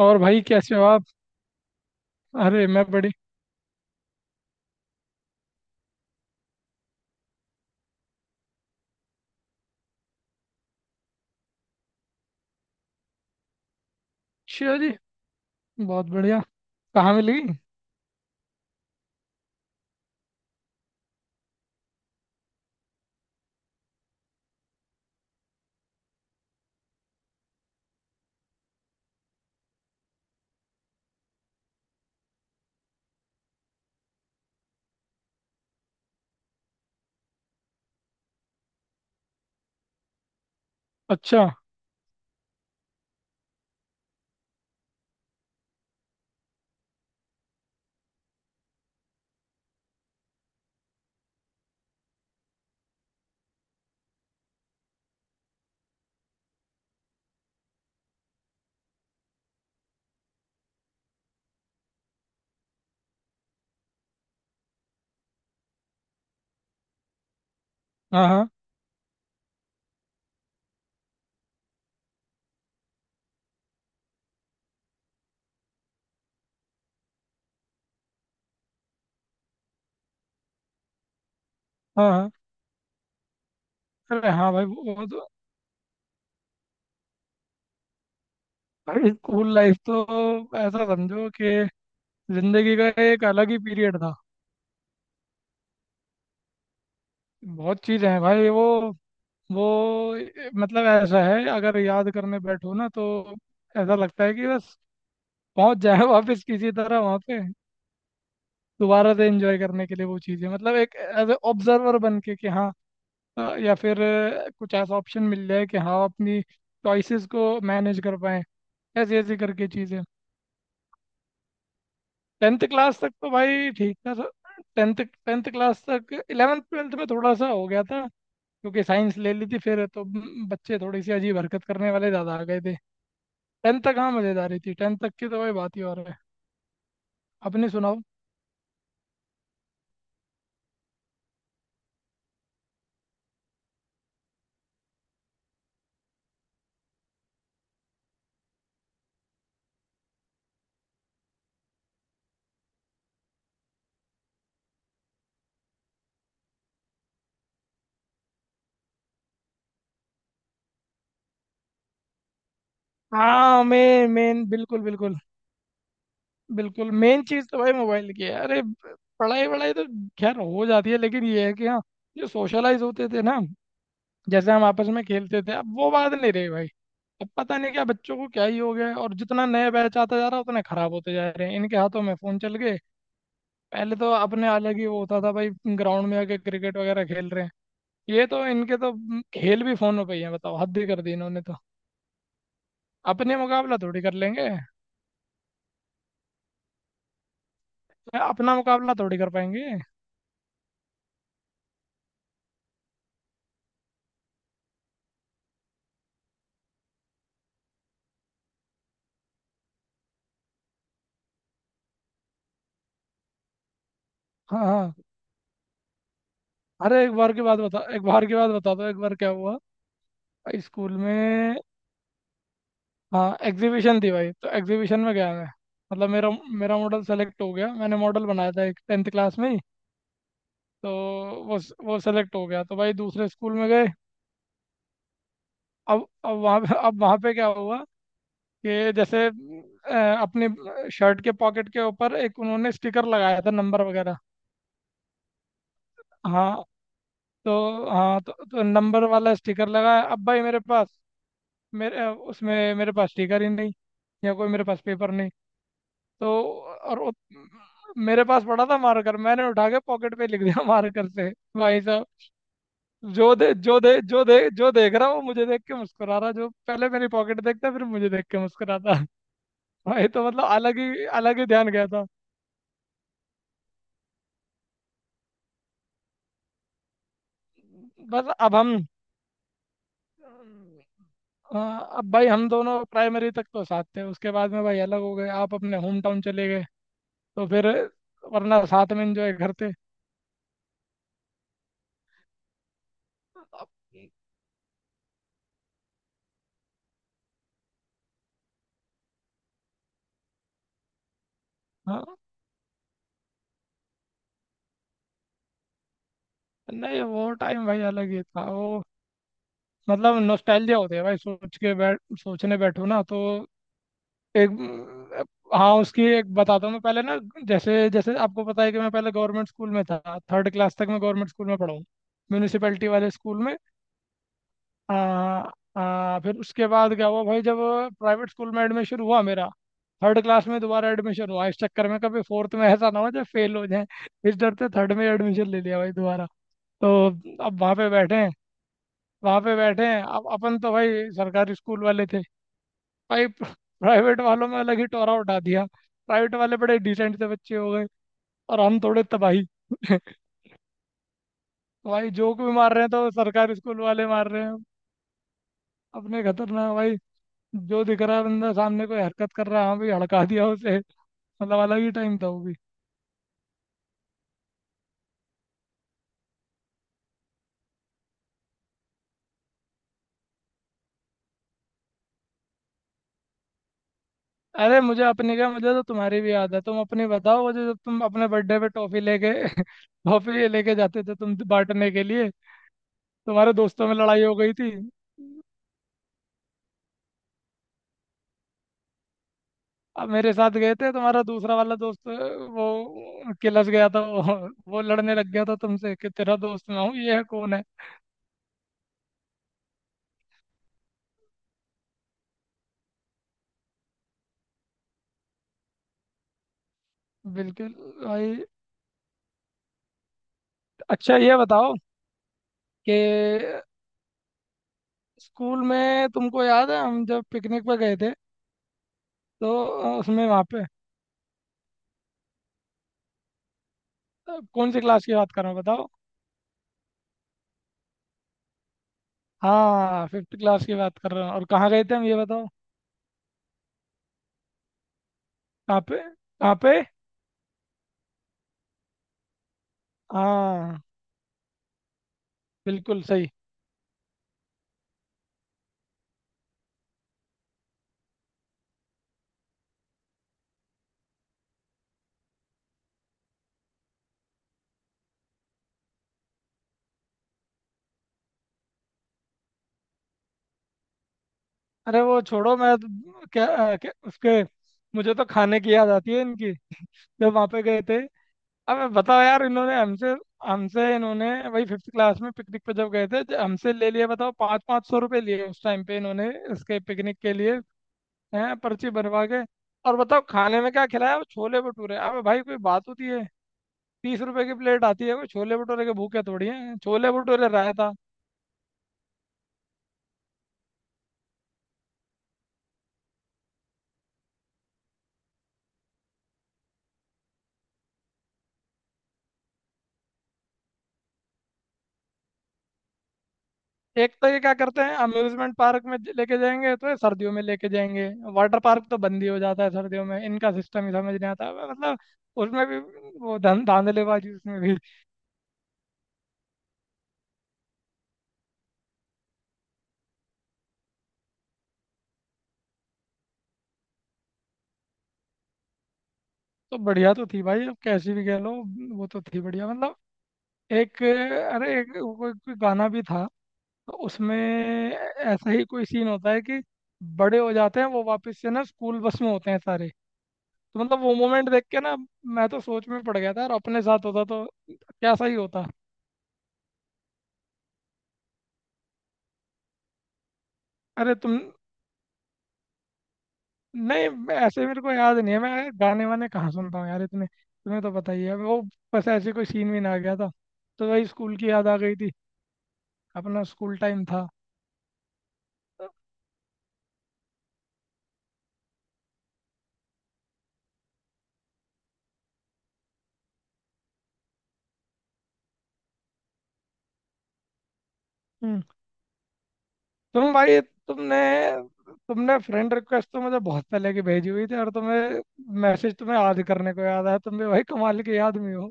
और भाई कैसे हो आप। अरे मैं बड़ी अच्छी हो जी। बहुत बढ़िया। कहाँ मिली। अच्छा। हाँ हाँ। हाँ हाँ। अरे हाँ भाई वो तो भाई स्कूल लाइफ तो ऐसा समझो कि जिंदगी का एक अलग ही पीरियड था। बहुत चीज़ें हैं भाई वो मतलब ऐसा है अगर याद करने बैठो ना तो ऐसा लगता है कि बस पहुंच जाए वापस किसी तरह वहां पे दोबारा से एंजॉय करने के लिए वो चीज़ें मतलब एक एज ए ऑब्जर्वर बन के कि हाँ। या फिर कुछ ऐसा ऑप्शन मिल जाए कि हाँ अपनी चॉइसेस को मैनेज कर पाएं। ऐसे ऐसे करके चीज़ें। टेंथ क्लास तक तो भाई ठीक था टेंथ। टेंथ क्लास तक इलेवेंथ ट्वेल्थ में थोड़ा सा हो गया था क्योंकि साइंस ले ली थी। फिर तो बच्चे थोड़ी सी अजीब हरकत करने वाले ज़्यादा आ गए थे। टेंथ तक हाँ मज़ेदारी थी, टेंथ तक की तो भाई बात ही और है। अपने सुनाओ। हाँ मेन मेन बिल्कुल बिल्कुल। बिल्कुल मेन चीज़ तो भाई मोबाइल की है। अरे पढ़ाई वढ़ाई तो खैर हो जाती है, लेकिन ये है कि हाँ जो सोशलाइज होते थे ना, जैसे हम आपस में खेलते थे, अब वो बात नहीं रही भाई। अब पता नहीं क्या बच्चों को क्या ही हो गया है, और जितना नया बैच आता जा रहा है उतने खराब होते जा रहे हैं। इनके हाथों में फोन चल गए। पहले तो अपने अलग ही वो होता था भाई। ग्राउंड में आके क्रिकेट वगैरह खेल रहे हैं। ये तो इनके तो खेल भी फोनों पे ही है। बताओ हद ही कर दी इन्होंने तो। अपने मुकाबला थोड़ी कर लेंगे। अपना मुकाबला थोड़ी कर पाएंगे। हाँ हाँ। अरे एक बार की बात बता, एक बार की बात बता दो, एक बार क्या हुआ स्कूल में। हाँ एग्जीबिशन थी भाई, तो एग्जीबिशन में गया मैं। मतलब मेरा मेरा मॉडल सेलेक्ट हो गया। मैंने मॉडल बनाया था एक टेंथ क्लास में ही। तो वो सेलेक्ट हो गया, तो भाई दूसरे स्कूल में गए। अब वहाँ पे, अब वहाँ पे क्या हुआ कि जैसे अपने शर्ट के पॉकेट के ऊपर एक उन्होंने स्टिकर लगाया था नंबर वगैरह। हाँ तो हाँ तो नंबर वाला स्टिकर लगाया। अब भाई मेरे पास, उसमें मेरे पास स्टिकर ही नहीं, या कोई मेरे पास पेपर नहीं। तो और वो मेरे पास पड़ा था मार्कर, मैंने उठा के पॉकेट पे लिख दिया मार्कर से। भाई साहब जो दे जो देख रहा वो मुझे देख के मुस्कुरा रहा, जो पहले मेरी पॉकेट देखता फिर मुझे देख के मुस्कुराता। भाई तो मतलब अलग ही ध्यान गया था। बस अब हम, अ, अब भाई हम दोनों प्राइमरी तक तो साथ थे, उसके बाद में भाई अलग हो गए, आप अपने होम टाउन चले गए। तो फिर वरना साथ में एंजॉय करते। अब- हाँ, नहीं वो टाइम भाई अलग ही था वो। मतलब नॉस्टैल्जिया होती है भाई सोच के बैठ सोचने बैठो ना तो। एक, हाँ उसकी एक बताता हूँ मैं पहले ना। जैसे जैसे आपको पता है कि मैं पहले गवर्नमेंट स्कूल में था। थर्ड क्लास तक मैं गवर्नमेंट स्कूल में पढ़ा हूँ, म्यूनिसिपैलिटी वाले स्कूल में। आ, आ, फिर उसके बाद क्या हुआ भाई जब प्राइवेट स्कूल में एडमिशन हुआ मेरा। थर्ड क्लास में दोबारा एडमिशन हुआ, इस चक्कर में कभी फोर्थ में ऐसा ना हो जाए फेल हो जाए, इस डर से थर्ड में एडमिशन ले लिया भाई दोबारा। तो अब वहाँ पे बैठे हैं, वहाँ पे बैठे हैं। अब अपन तो भाई सरकारी स्कूल वाले थे। भाई प्राइवेट वालों में अलग ही टोरा उठा दिया। प्राइवेट वाले बड़े डिसेंट से बच्चे हो गए और हम थोड़े तबाही। भाई जोक भी मार रहे हैं तो सरकारी स्कूल वाले मार रहे हैं। अपने खतरनाक भाई। जो दिख रहा है बंदा सामने कोई हरकत कर रहा है, हाँ भाई हड़का दिया उसे। मतलब अलग ही टाइम था वो भी। अरे मुझे अपने क्या, मुझे तो तुम्हारी भी याद है। तुम अपनी बताओ मुझे, जब तुम अपने बर्थडे पे टॉफी लेके टॉफी लेके जाते थे तुम बांटने के लिए, तुम्हारे दोस्तों में लड़ाई हो गई थी। अब मेरे साथ गए थे तुम्हारा दूसरा वाला दोस्त, वो किलस गया था वो। वो लड़ने लग गया था तुमसे कि तेरा दोस्त मैं हूँ, ये है कौन है। बिल्कुल। भाई अच्छा ये बताओ कि स्कूल में तुमको याद है हम जब पिकनिक पे गए थे, तो उसमें वहाँ पे कौन सी क्लास की बात कर रहा हूँ बताओ। हाँ, फिफ्थ क्लास की बात कर रहा हूँ, और कहाँ गए थे हम ये बताओ। कहाँ पे, कहाँ पे। हाँ बिल्कुल सही। अरे वो छोड़ो मैं क्या उसके, मुझे तो खाने की याद आती है इनकी जब वहां पे गए थे। अब बताओ यार इन्होंने हमसे हमसे इन्होंने वही फिफ्थ क्लास में पिकनिक पे जब गए थे हमसे ले लिए। बताओ 500-500 रुपए लिए उस टाइम पे इन्होंने इसके पिकनिक के लिए, हैं, पर्ची बनवा के। और बताओ खाने में क्या खिलाया, वो छोले भटूरे। अबे भाई कोई बात होती है। 30 रुपए की प्लेट आती है, कोई छोले भटूरे के भूखे थोड़ी हैं। छोले भटूरे रायता। एक तो ये क्या करते हैं अम्यूजमेंट पार्क में लेके जाएंगे तो ये सर्दियों में लेके जाएंगे। वाटर पार्क तो बंद ही हो जाता है सर्दियों में। इनका सिस्टम ही समझ नहीं आता मैं मतलब। उसमें भी वो धांधलेबाजी उसमें भी। तो बढ़िया तो थी भाई, अब कैसी भी कह लो। वो तो थी बढ़िया मतलब। एक, अरे एक कोई कोई गाना भी था, तो उसमें ऐसा ही कोई सीन होता है कि बड़े हो जाते हैं वो वापस से ना स्कूल बस में होते हैं सारे। तो मतलब वो मोमेंट देख के ना मैं तो सोच में पड़ गया था और अपने साथ होता तो कैसा ही होता। अरे तुम, नहीं ऐसे मेरे को याद नहीं है। मैं गाने वाने कहाँ सुनता हूँ यार इतने, तुम्हें तो पता ही है वो। बस ऐसे कोई सीन भी ना आ गया था, तो वही स्कूल की याद आ गई थी। अपना स्कूल टाइम था। हम्म, तुम भाई तुमने तुमने फ्रेंड रिक्वेस्ट तो मुझे बहुत पहले की भेजी हुई थी, और तुम्हें मैसेज तुम्हें याद करने को याद आया। तुम भी भाई कमाल के याद में हो।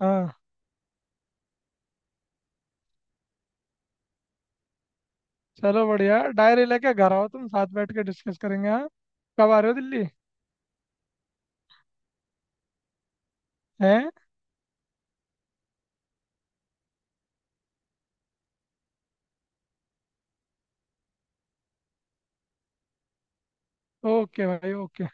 हाँ चलो बढ़िया, डायरी लेके घर आओ, तुम साथ बैठ के डिस्कस करेंगे। हाँ कब आ रहे हो दिल्ली। हैं। ओके भाई ओके।